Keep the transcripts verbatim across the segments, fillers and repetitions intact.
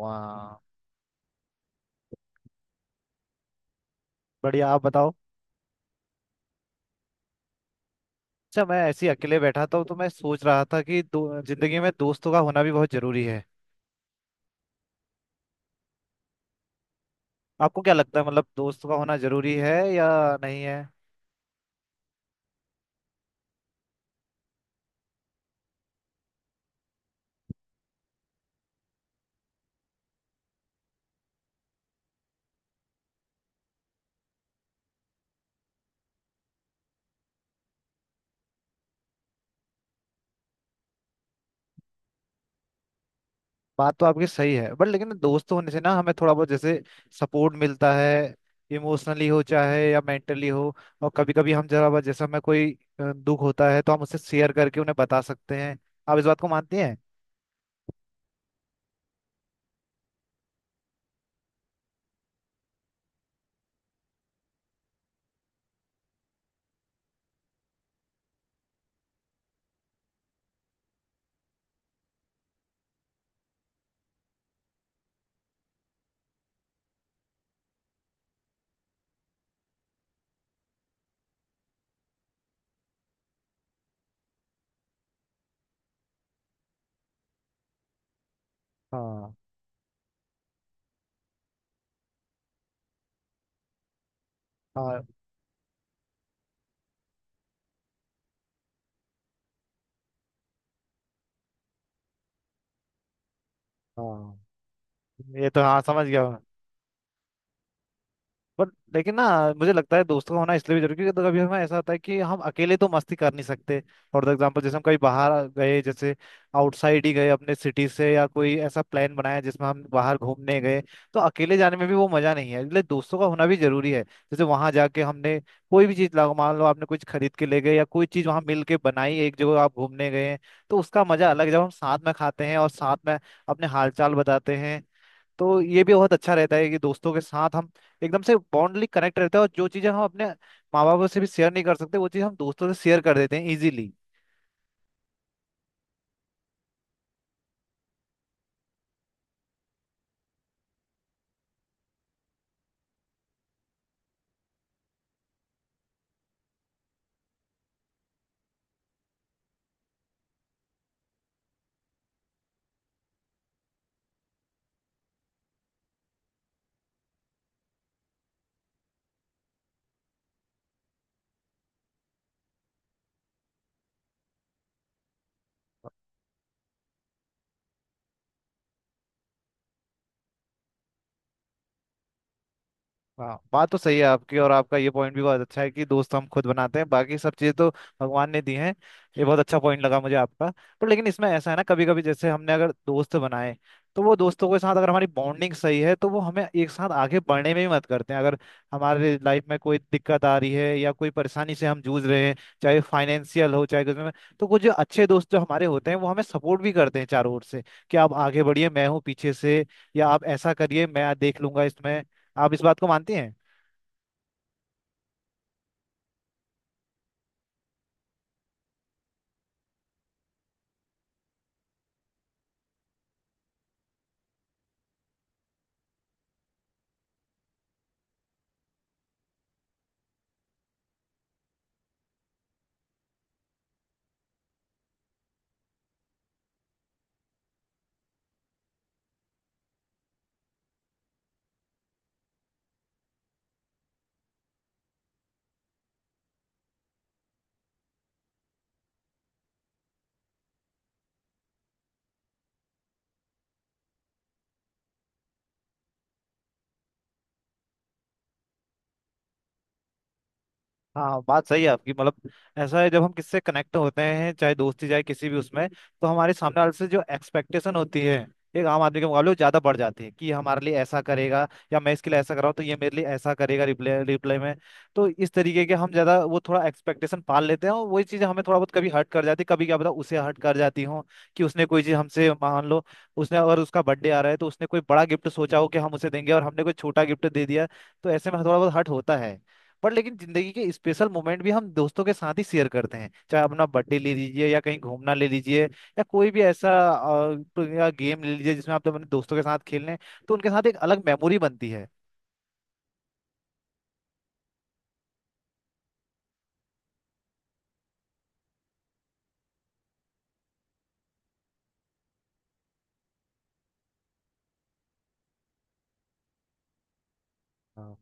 वाह। बढ़िया, आप बताओ। अच्छा, मैं ऐसे ही अकेले बैठा था तो मैं सोच रहा था कि दो जिंदगी में दोस्तों का होना भी बहुत जरूरी है। आपको क्या लगता है, मतलब दोस्तों का होना जरूरी है या नहीं है? बात तो आपकी सही है, बट लेकिन दोस्त होने से ना हमें थोड़ा बहुत जैसे सपोर्ट मिलता है, इमोशनली हो चाहे या मेंटली हो। और कभी कभी हम जरा बहुत जैसे हमें कोई अ, दुख होता है तो हम उससे शेयर करके उन्हें बता सकते हैं। आप इस बात को मानती हैं? हाँ। हाँ। हाँ, ये तो हाँ, समझ गया। बट लेकिन ना मुझे लगता है दोस्तों का होना इसलिए भी जरूरी है, क्योंकि तो कभी हमें ऐसा होता है कि हम अकेले तो मस्ती कर नहीं सकते। फॉर एग्जाम्पल जैसे हम कहीं बाहर गए, जैसे आउटसाइड ही गए अपने सिटी से, या कोई ऐसा प्लान बनाया जिसमें हम बाहर घूमने गए, तो अकेले जाने में भी वो मजा नहीं है, इसलिए दोस्तों का होना भी जरूरी है। जैसे वहां जाके हमने कोई भी चीज लगा, मान लो आपने कुछ खरीद के ले गए या कोई चीज वहां मिल के बनाई, एक जगह आप घूमने गए हैं तो उसका मजा अलग है। जब हम साथ में खाते हैं और साथ में अपने हालचाल बताते हैं, तो ये भी बहुत अच्छा रहता है कि दोस्तों के साथ हम एकदम से बॉन्डली कनेक्ट रहते हैं, और जो चीज़ें हम अपने माँ बापों से भी शेयर नहीं कर सकते वो चीज़ हम दोस्तों से शेयर कर देते हैं इजीली। हाँ, बात तो सही है आपकी, और आपका ये पॉइंट भी बहुत अच्छा है कि दोस्त हम खुद बनाते हैं, बाकी सब चीज़ें तो भगवान ने दी हैं। ये बहुत अच्छा पॉइंट लगा मुझे आपका। पर लेकिन इसमें ऐसा है ना, कभी कभी जैसे हमने अगर दोस्त बनाए, तो वो दोस्तों के साथ अगर हमारी बॉन्डिंग सही है तो वो हमें एक साथ आगे बढ़ने में ही मदद करते हैं। अगर हमारे लाइफ में कोई दिक्कत आ रही है या कोई परेशानी से हम जूझ रहे हैं, चाहे फाइनेंशियल हो चाहे कुछ में, तो कुछ जो अच्छे दोस्त जो हमारे होते हैं वो हमें सपोर्ट भी करते हैं चारों ओर से, कि आप आगे बढ़िए मैं हूँ पीछे से, या आप ऐसा करिए मैं देख लूंगा इसमें। आप इस बात को मानती हैं? हाँ, बात सही है आपकी। मतलब ऐसा है, जब हम किससे कनेक्ट होते हैं चाहे दोस्ती चाहे किसी भी उसमें, तो हमारे सामने वाले से जो एक्सपेक्टेशन होती है एक आम आदमी के मुकाबले वो ज्यादा बढ़ जाती है, कि ये हमारे लिए ऐसा करेगा, या मैं इसके लिए ऐसा कर रहा हूँ तो ये मेरे लिए ऐसा करेगा रिप्लाई रिप्लाई में। तो इस तरीके के हम ज्यादा वो थोड़ा एक्सपेक्टेशन पाल लेते हैं, और वही चीजें हमें थोड़ा बहुत कभी हर्ट कर जाती है, कभी क्या पता उसे हर्ट कर जाती हो, कि उसने कोई चीज हमसे मान लो, उसने अगर उसका बर्थडे आ रहा है तो उसने कोई बड़ा गिफ्ट सोचा हो कि हम उसे देंगे और हमने कोई छोटा गिफ्ट दे दिया, तो ऐसे में थोड़ा बहुत हर्ट होता है। पर लेकिन जिंदगी के स्पेशल मोमेंट भी हम दोस्तों के साथ ही शेयर करते हैं, चाहे अपना बर्थडे ले लीजिए या कहीं घूमना ले लीजिए, या कोई भी ऐसा अ, तो या गेम ले लीजिए जिसमें आप तो अपने दोस्तों के साथ खेल रहे हैं, तो उनके साथ एक अलग मेमोरी बनती है। हाँ।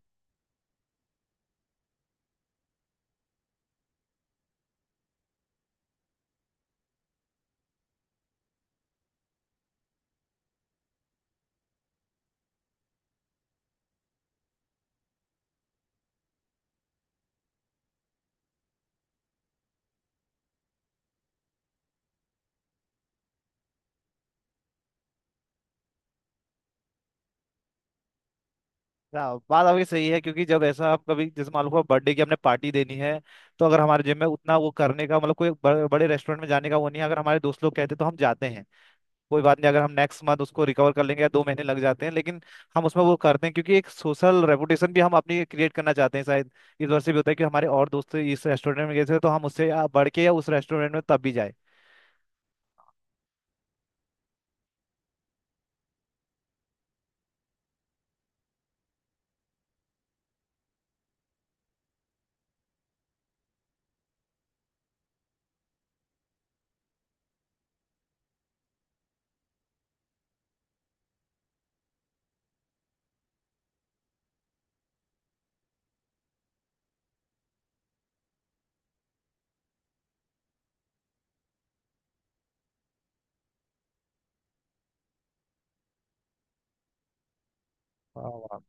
हाँ, बात आपकी सही है, क्योंकि जब ऐसा आप कभी जैसे मान लो बर्थडे की हमने पार्टी देनी है, तो अगर हमारे जिम में उतना वो करने का मतलब कोई ब- बड़े रेस्टोरेंट में जाने का वो नहीं है, अगर हमारे दोस्त लोग कहते तो हम जाते हैं, कोई बात नहीं अगर हम नेक्स्ट मंथ उसको रिकवर कर लेंगे या दो महीने लग जाते हैं, लेकिन हम उसमें वो करते हैं, क्योंकि एक सोशल रेपुटेशन भी हम अपनी क्रिएट करना चाहते हैं शायद, इस वजह से भी होता है कि हमारे और दोस्त इस रेस्टोरेंट में गए थे तो हम उससे आ, बढ़ के या उस रेस्टोरेंट में तब भी जाए।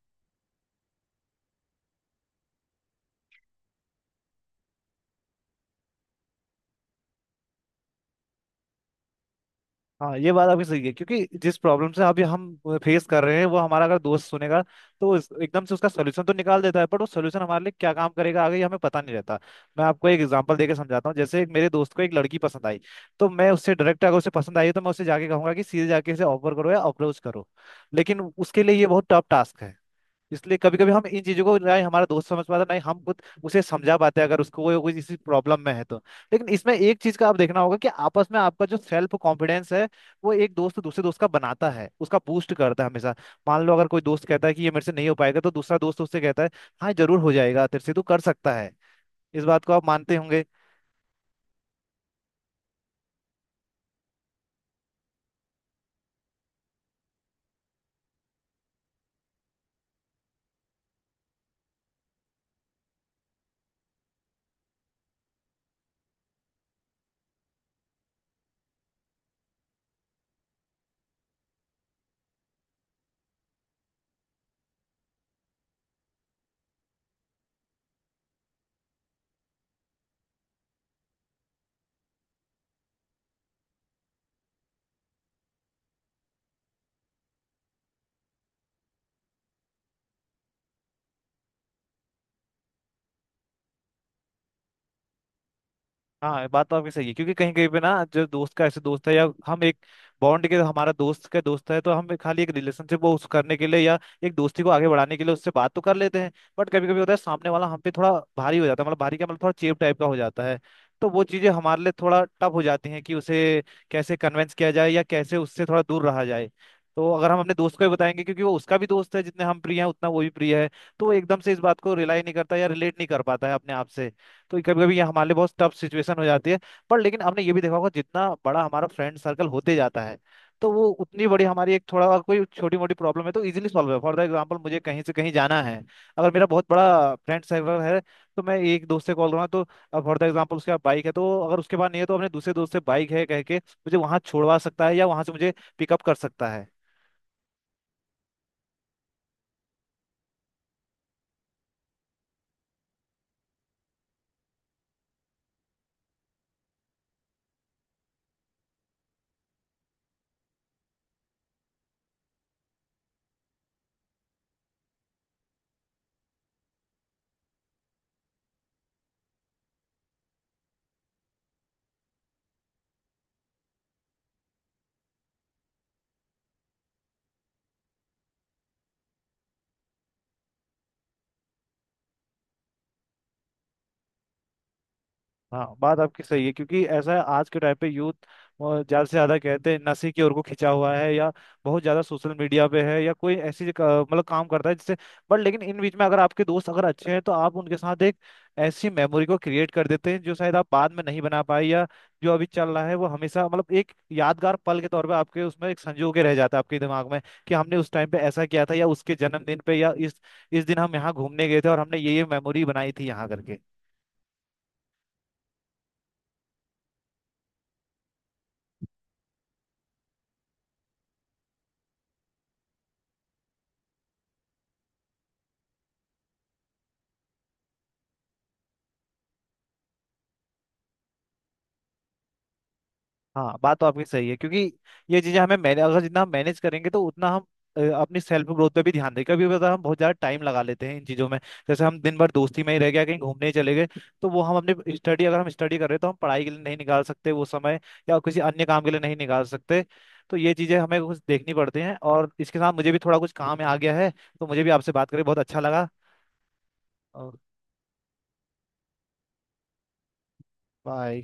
हाँ, ये बात आपकी सही है क्योंकि जिस प्रॉब्लम से अभी हम फेस कर रहे हैं वो हमारा अगर दोस्त सुनेगा, तो उस- एकदम से उसका सोल्यूशन तो निकाल देता है, पर वो सोल्यूशन हमारे लिए क्या काम करेगा आगे ये हमें पता नहीं रहता। मैं आपको एक एग्जांपल देके समझाता हूँ, जैसे एक मेरे दोस्त को एक लड़की पसंद आई, तो मैं उससे डायरेक्ट, अगर उसे पसंद आई है, तो मैं उसे जाके कहूंगा कि सीधे जाके उसे ऑफर करो या अप्रोच करो, लेकिन उसके लिए ये बहुत टफ टास्क है। इसलिए कभी कभी हम इन चीजों को ना ही हमारा दोस्त समझ पाता ना ही हम खुद उसे समझा पाते हैं, अगर उसको कोई कोई इसी प्रॉब्लम में है तो। लेकिन इसमें एक चीज का आप देखना होगा कि आपस में आपका जो सेल्फ कॉन्फिडेंस है, वो एक दोस्त दूसरे दोस्त का बनाता है, उसका बूस्ट करता है हमेशा। मान लो अगर कोई दोस्त कहता है कि ये मेरे से नहीं हो पाएगा, तो दूसरा दोस्त उससे कहता है हाँ जरूर हो जाएगा, तेरे से तू कर सकता है। इस बात को आप मानते होंगे? हाँ, बात तो आपकी सही है, क्योंकि कहीं कहीं पे ना जो दोस्त का ऐसे दोस्त है, या हम एक बॉन्ड के हमारा दोस्त का दोस्त है, तो हम खाली एक रिलेशनशिप वो उस करने के लिए या एक दोस्ती को आगे बढ़ाने के लिए उससे बात तो कर लेते हैं। बट कभी कभी होता है सामने वाला हम पे थोड़ा भारी हो जाता है, मतलब भारी क्या, मतलब थोड़ा चेप टाइप का हो जाता है, तो वो चीजें हमारे लिए थोड़ा टफ हो जाती हैं कि उसे कैसे कन्वेंस किया जाए या कैसे उससे थोड़ा दूर रहा जाए। तो अगर हम अपने दोस्त को भी बताएंगे क्योंकि वो उसका भी दोस्त है, जितने हम प्रिय हैं उतना वो भी प्रिय है, तो वो एकदम से इस बात को रिलाई नहीं करता या रिलेट नहीं कर पाता है अपने आप से, तो कभी कभी ये हमारे लिए बहुत टफ सिचुएशन हो जाती है। पर लेकिन हमने ये भी देखा होगा जितना बड़ा हमारा फ्रेंड सर्कल होते जाता है, तो वो उतनी बड़ी हमारी एक थोड़ा कोई छोटी मोटी प्रॉब्लम है तो इजीली सॉल्व है। फॉर द एग्जाम्पल मुझे कहीं से कहीं जाना है, अगर मेरा बहुत बड़ा फ्रेंड सर्कल है तो मैं एक दोस्त से कॉल करूँगा, तो फॉर द एग्जाम्पल उसके पास बाइक है, तो अगर उसके पास नहीं है तो अपने दूसरे दोस्त से बाइक है कह के मुझे वहाँ छोड़वा सकता है या वहाँ से मुझे पिकअप कर सकता है। हाँ, बात आपकी सही है, क्योंकि ऐसा है आज के टाइम पे यूथ ज़्यादा से ज़्यादा कहते हैं नशे की ओर को खिंचा हुआ है, या बहुत ज़्यादा सोशल मीडिया पे है, या कोई ऐसी का- मतलब काम करता है जिससे, बट लेकिन इन बीच में अगर आपके दोस्त अगर अच्छे हैं, तो आप उनके साथ एक ऐसी मेमोरी को क्रिएट कर देते हैं जो शायद आप बाद में नहीं बना पाए, या जो अभी चल रहा है वो हमेशा मतलब एक यादगार पल के तौर पे आपके उसमें एक संजो के रह जाता है आपके दिमाग में, कि हमने उस टाइम पे ऐसा किया था, या उसके जन्मदिन पे, या इस इस दिन हम यहाँ घूमने गए थे और हमने ये ये मेमोरी बनाई थी यहाँ करके। हाँ, बात तो आपकी सही है, क्योंकि ये चीजें हमें मैंने अगर जितना हम मैनेज करेंगे तो उतना हम अ, अपनी सेल्फ ग्रोथ पे भी ध्यान दें। कभी पता हम बहुत ज्यादा टाइम लगा लेते हैं इन चीजों में, जैसे हम दिन भर दोस्ती में ही रह गया कहीं घूमने ही चले गए, तो वो हम अपने स्टडी अगर हम स्टडी कर रहे हैं तो हम पढ़ाई के लिए नहीं निकाल सकते वो समय, या किसी अन्य काम के लिए नहीं निकाल सकते। तो ये चीजें हमें कुछ देखनी पड़ती हैं, और इसके साथ मुझे भी थोड़ा कुछ काम आ गया है, तो मुझे भी आपसे बात करके बहुत अच्छा लगा। और बाय।